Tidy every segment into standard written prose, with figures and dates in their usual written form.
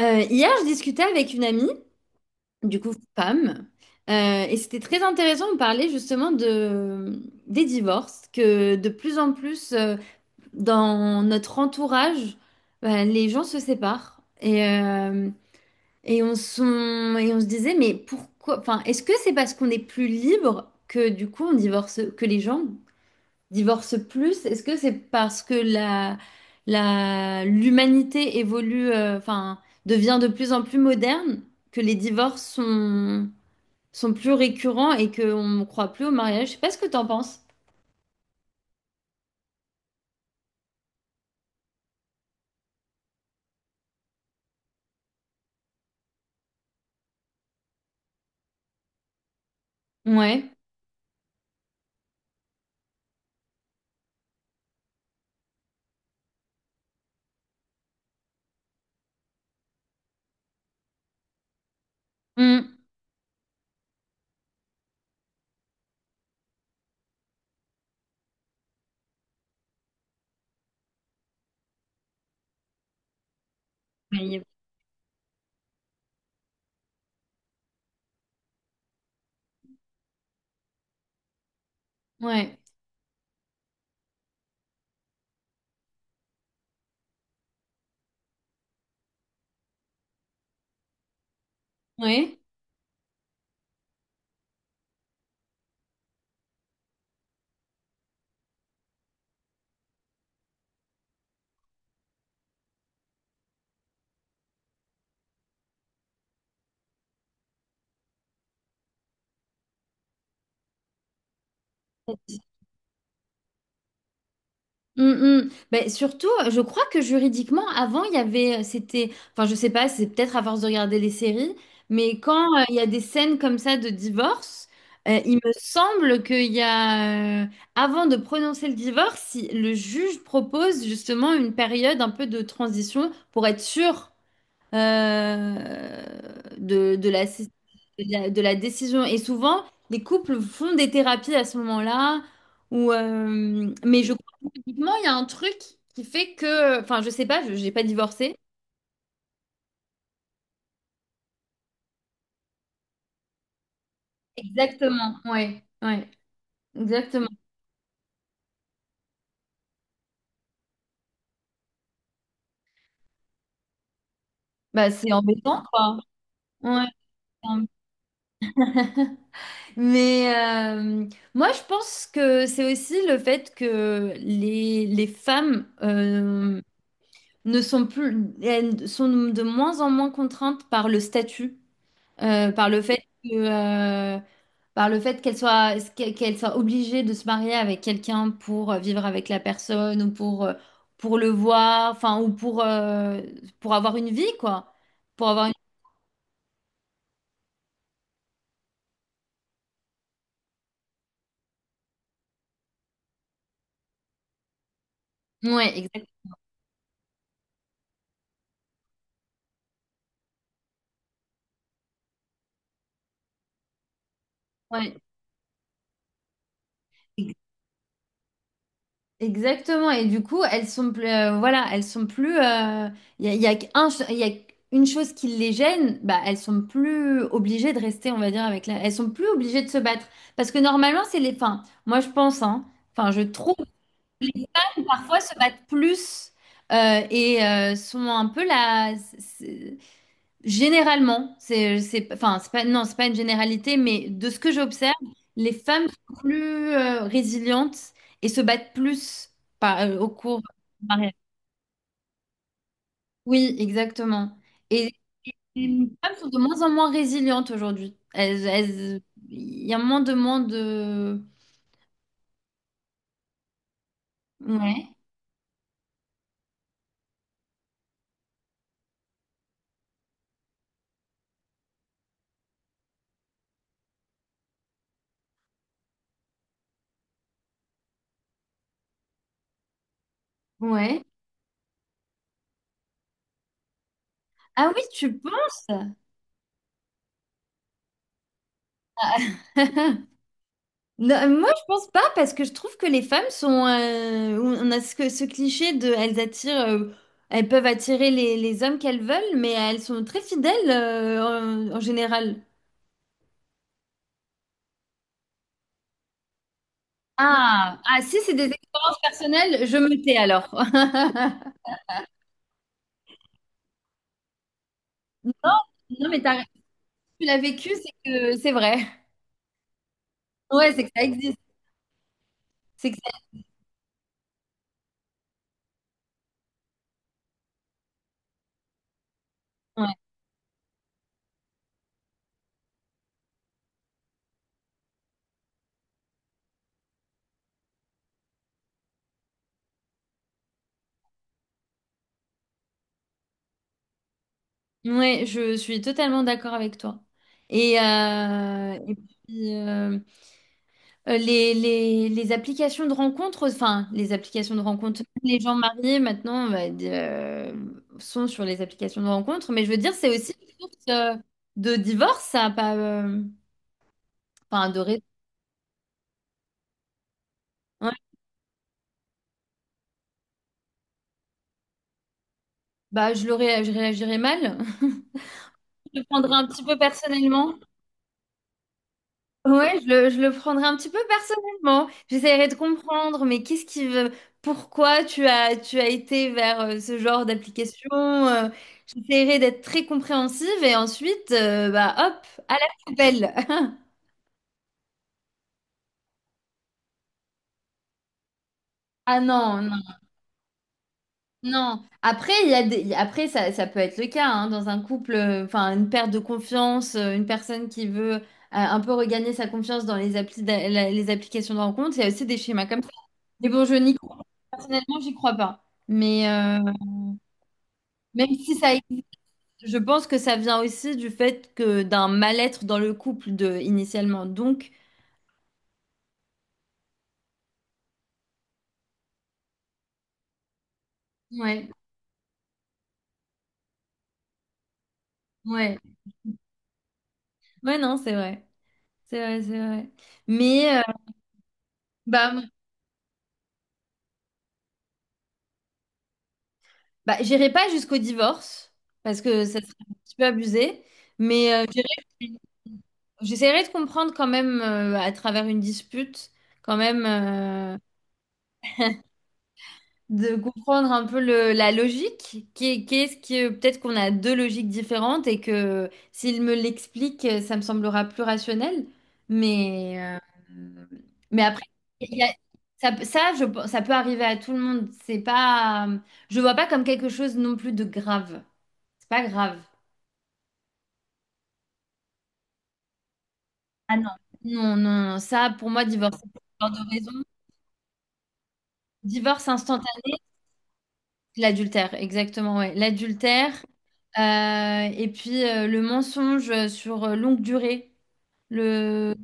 Hier, je discutais avec une amie, du coup, femme, et c'était très intéressant. On parlait justement des divorces, que de plus en plus dans notre entourage, bah, les gens se séparent. Et on se disait, mais pourquoi? Enfin, est-ce que c'est parce qu'on est plus libre que du coup on divorce, que les gens divorcent plus, est-ce que c'est parce que l'humanité évolue, enfin, devient de plus en plus moderne, que les divorces sont plus récurrents et qu'on ne croit plus au mariage? Je sais pas ce que t'en penses. Ouais. Mm. Ouais. Ouais. Mm, mm. Ben, surtout, je crois que juridiquement, avant, il y avait, c'était, enfin, je sais pas, c'est peut-être à force de regarder les séries, mais quand il y a des scènes comme ça de divorce, il me semble qu'il y a, avant de prononcer le divorce, si le juge propose justement une période un peu de transition pour être sûr euh, de, de la, de de la décision. Et souvent, les couples font des thérapies à ce moment-là. Mais je crois que typiquement, il y a un truc qui fait que... Enfin, je sais pas, je n'ai pas divorcé. Exactement, ouais, ouais, exactement. Bah, c'est embêtant, quoi. Ouais. C'est embêtant. Mais euh, moi, je pense que c'est aussi le fait que les femmes ne sont plus, elles sont de moins en moins contraintes par le statut, euh, par le fait que, euh, par le fait qu'elles soient obligées de se marier avec quelqu'un pour vivre avec la personne ou pour le voir, enfin, ou pour avoir une vie, quoi. Pour avoir une... Ouais, exactement. Exactement. Et du coup, elles sont plus, voilà, elles sont plus. Il y a il y a une chose qui les gêne, bah, elles sont plus obligées de rester, on va dire, avec la. Elles sont plus obligées de se battre. Parce que normalement, c'est les. Enfin, moi, je pense, hein. Enfin, je trouve que les femmes, parfois, se battent plus sont un peu la. Généralement, enfin, c'est pas, non, c'est pas une généralité, mais de ce que j'observe, les femmes sont plus résilientes et se battent plus au cours du mariage. Oui, exactement. Et, et les femmes sont de moins en moins résilientes aujourd'hui. Il y a moins de... Ouais, ouais. Ah oui, tu penses? Non, moi, je pense pas parce que je trouve que les femmes sont. On a ce, que- ce cliché de. Elles attirent. Elles peuvent attirer les hommes qu'elles veulent, mais elles sont très fidèles en général. Ah, ah, si c'est des expériences personnelles, je me tais alors. Non, non, mais tu l'as vécu, c'est que c'est vrai. Ouais, c'est que ça existe. C'est que ouais. Ouais, je suis totalement d'accord avec toi. Et, euh, et puis, euh, les applications de rencontres, enfin, les applications de rencontres, les gens mariés maintenant sont sur les applications de rencontres, mais je veux dire, c'est aussi une source de divorce, ça, pas, enfin, de ré- ouais. Bah, je réagirais mal, je le prendrais un petit peu personnellement. Ouais, je le prendrai un petit peu personnellement. J'essaierai de comprendre, mais qu'est-ce qui veut, pourquoi tu as été vers ce genre d'application? J'essaierai d'être très compréhensive et ensuite, bah hop, à la poubelle. Ah non, non, non. Après, il y a des... Après ça, ça peut être le cas hein, dans un couple, enfin une perte de confiance, une personne qui veut un peu regagner sa confiance dans les applis les applications de rencontre. Il y a aussi des schémas comme ça. Mais bon, je n'y crois, personnellement, j'y crois pas. Mais, même si ça existe, je pense que ça vient aussi du fait que d'un mal-être dans le couple de, initialement. Donc, ouais, ouais, ouais, non, c'est vrai, c'est vrai, c'est vrai. Mais bah, bah, j'irai pas jusqu'au divorce parce que ça serait un petit peu abusé. Mais j'essaierai de comprendre quand même à travers une dispute, quand même. De comprendre un peu le- la logique, qui, qu'est-ce que peut-être qu'on a deux logiques différentes et que s'il me l'explique, ça me semblera plus rationnel. Mais, euh, mais après, il y a- ça, ça, ça peut arriver à tout le monde. C'est pas, Je vois pas comme quelque chose non plus de grave. C'est pas grave. Ah non. Non, non, non. Ça, pour moi, divorce, c'est une histoire de raison. Divorce instantané. L'adultère, exactement, ouais. L'adultère, et puis le mensonge sur longue durée. Le...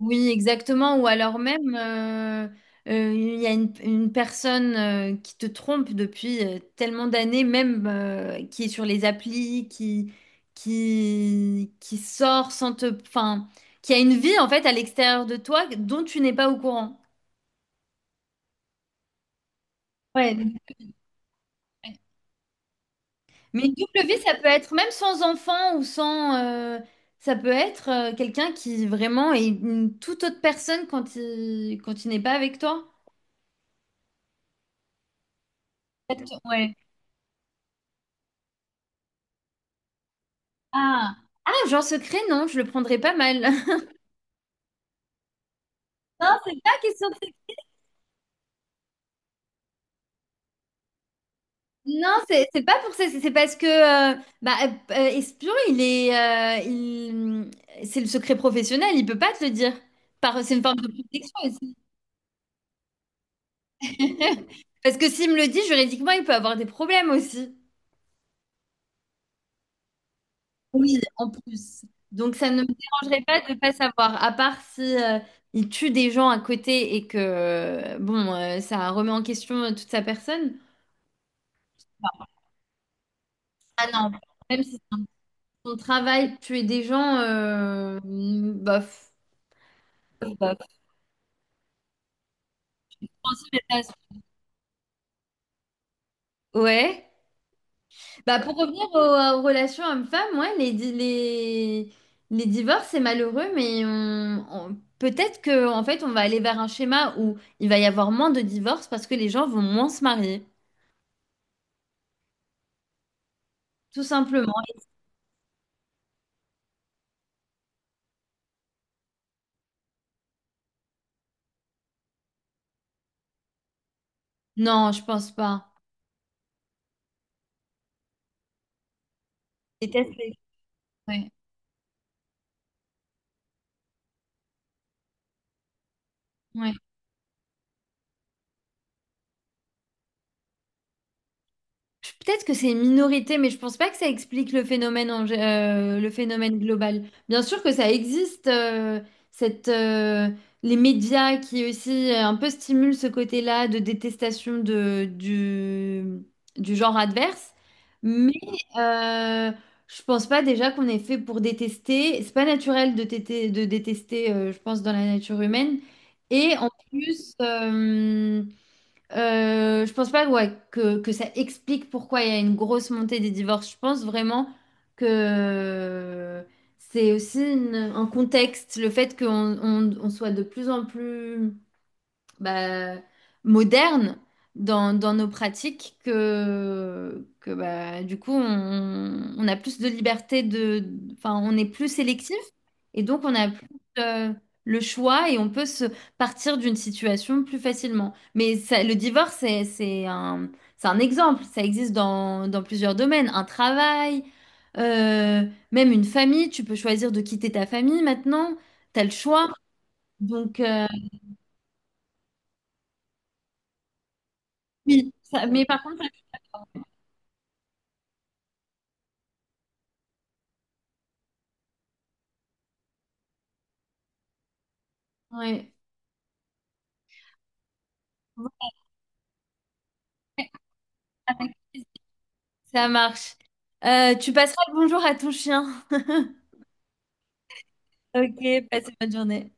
Oui, exactement. Ou alors même, il y a une personne qui te trompe depuis tellement d'années, même qui est sur les applis, qui sort sans te... Enfin, qui a une vie en fait à l'extérieur de toi dont tu n'es pas au courant. Ouais. Mais une double vie, ça peut être même sans enfant ou sans... ça peut être quelqu'un qui vraiment est une toute autre personne quand il n'est pas avec toi. En fait, ouais. Ah. Ah, genre secret, non, je le prendrais pas mal. Non, c'est pas question de... secret. Non, c'est pas pour ça. C'est parce que bah, espion, c'est le secret professionnel. Il peut pas te le dire. Par, c'est une forme de protection aussi. Parce que s'il me le dit, juridiquement, il peut avoir des problèmes aussi. Oui, en plus. Donc ça ne me dérangerait pas de pas savoir, à part si il tue des gens à côté et que bon, ça remet en question toute sa personne. Ah non, même si son travail, tuer des gens, bof. Bof. Je pense que c'est ça. Ouais. Bah pour revenir aux, aux relations hommes-femmes, ouais, les divorces, c'est malheureux, mais peut-être que en fait on va aller vers un schéma où il va y avoir moins de divorces parce que les gens vont moins se marier. Tout simplement. Non, je pense pas. Déteste les... Oui, peut-être que c'est une minorité, mais je pense pas que ça explique le phénomène, le phénomène global. Bien sûr que ça existe, cette, euh, les médias qui aussi un peu stimulent ce côté-là de détestation du genre adverse, mais euh, je pense pas déjà qu'on est fait pour détester. C'est pas naturel de, de détester, je pense, dans la nature humaine. Et en plus, je pense pas ouais, que ça explique pourquoi il y a une grosse montée des divorces. Je pense vraiment que c'est aussi un contexte, le fait qu'on on soit de plus en plus bah, moderne dans nos pratiques que bah, du coup, on a plus de liberté de, enfin, on est plus sélectif et donc on a plus euh, le choix et on peut se partir d'une situation plus facilement. Mais le divorce, c'est un exemple. Ça existe dans plusieurs domaines. Un travail, euh, même une famille. Tu peux choisir de quitter ta famille maintenant. Tu as le choix. Donc, oui, mais par contre, ouais. Voilà, ça marche. Tu passeras le bonjour à ton chien. Ok, passe une bonne journée.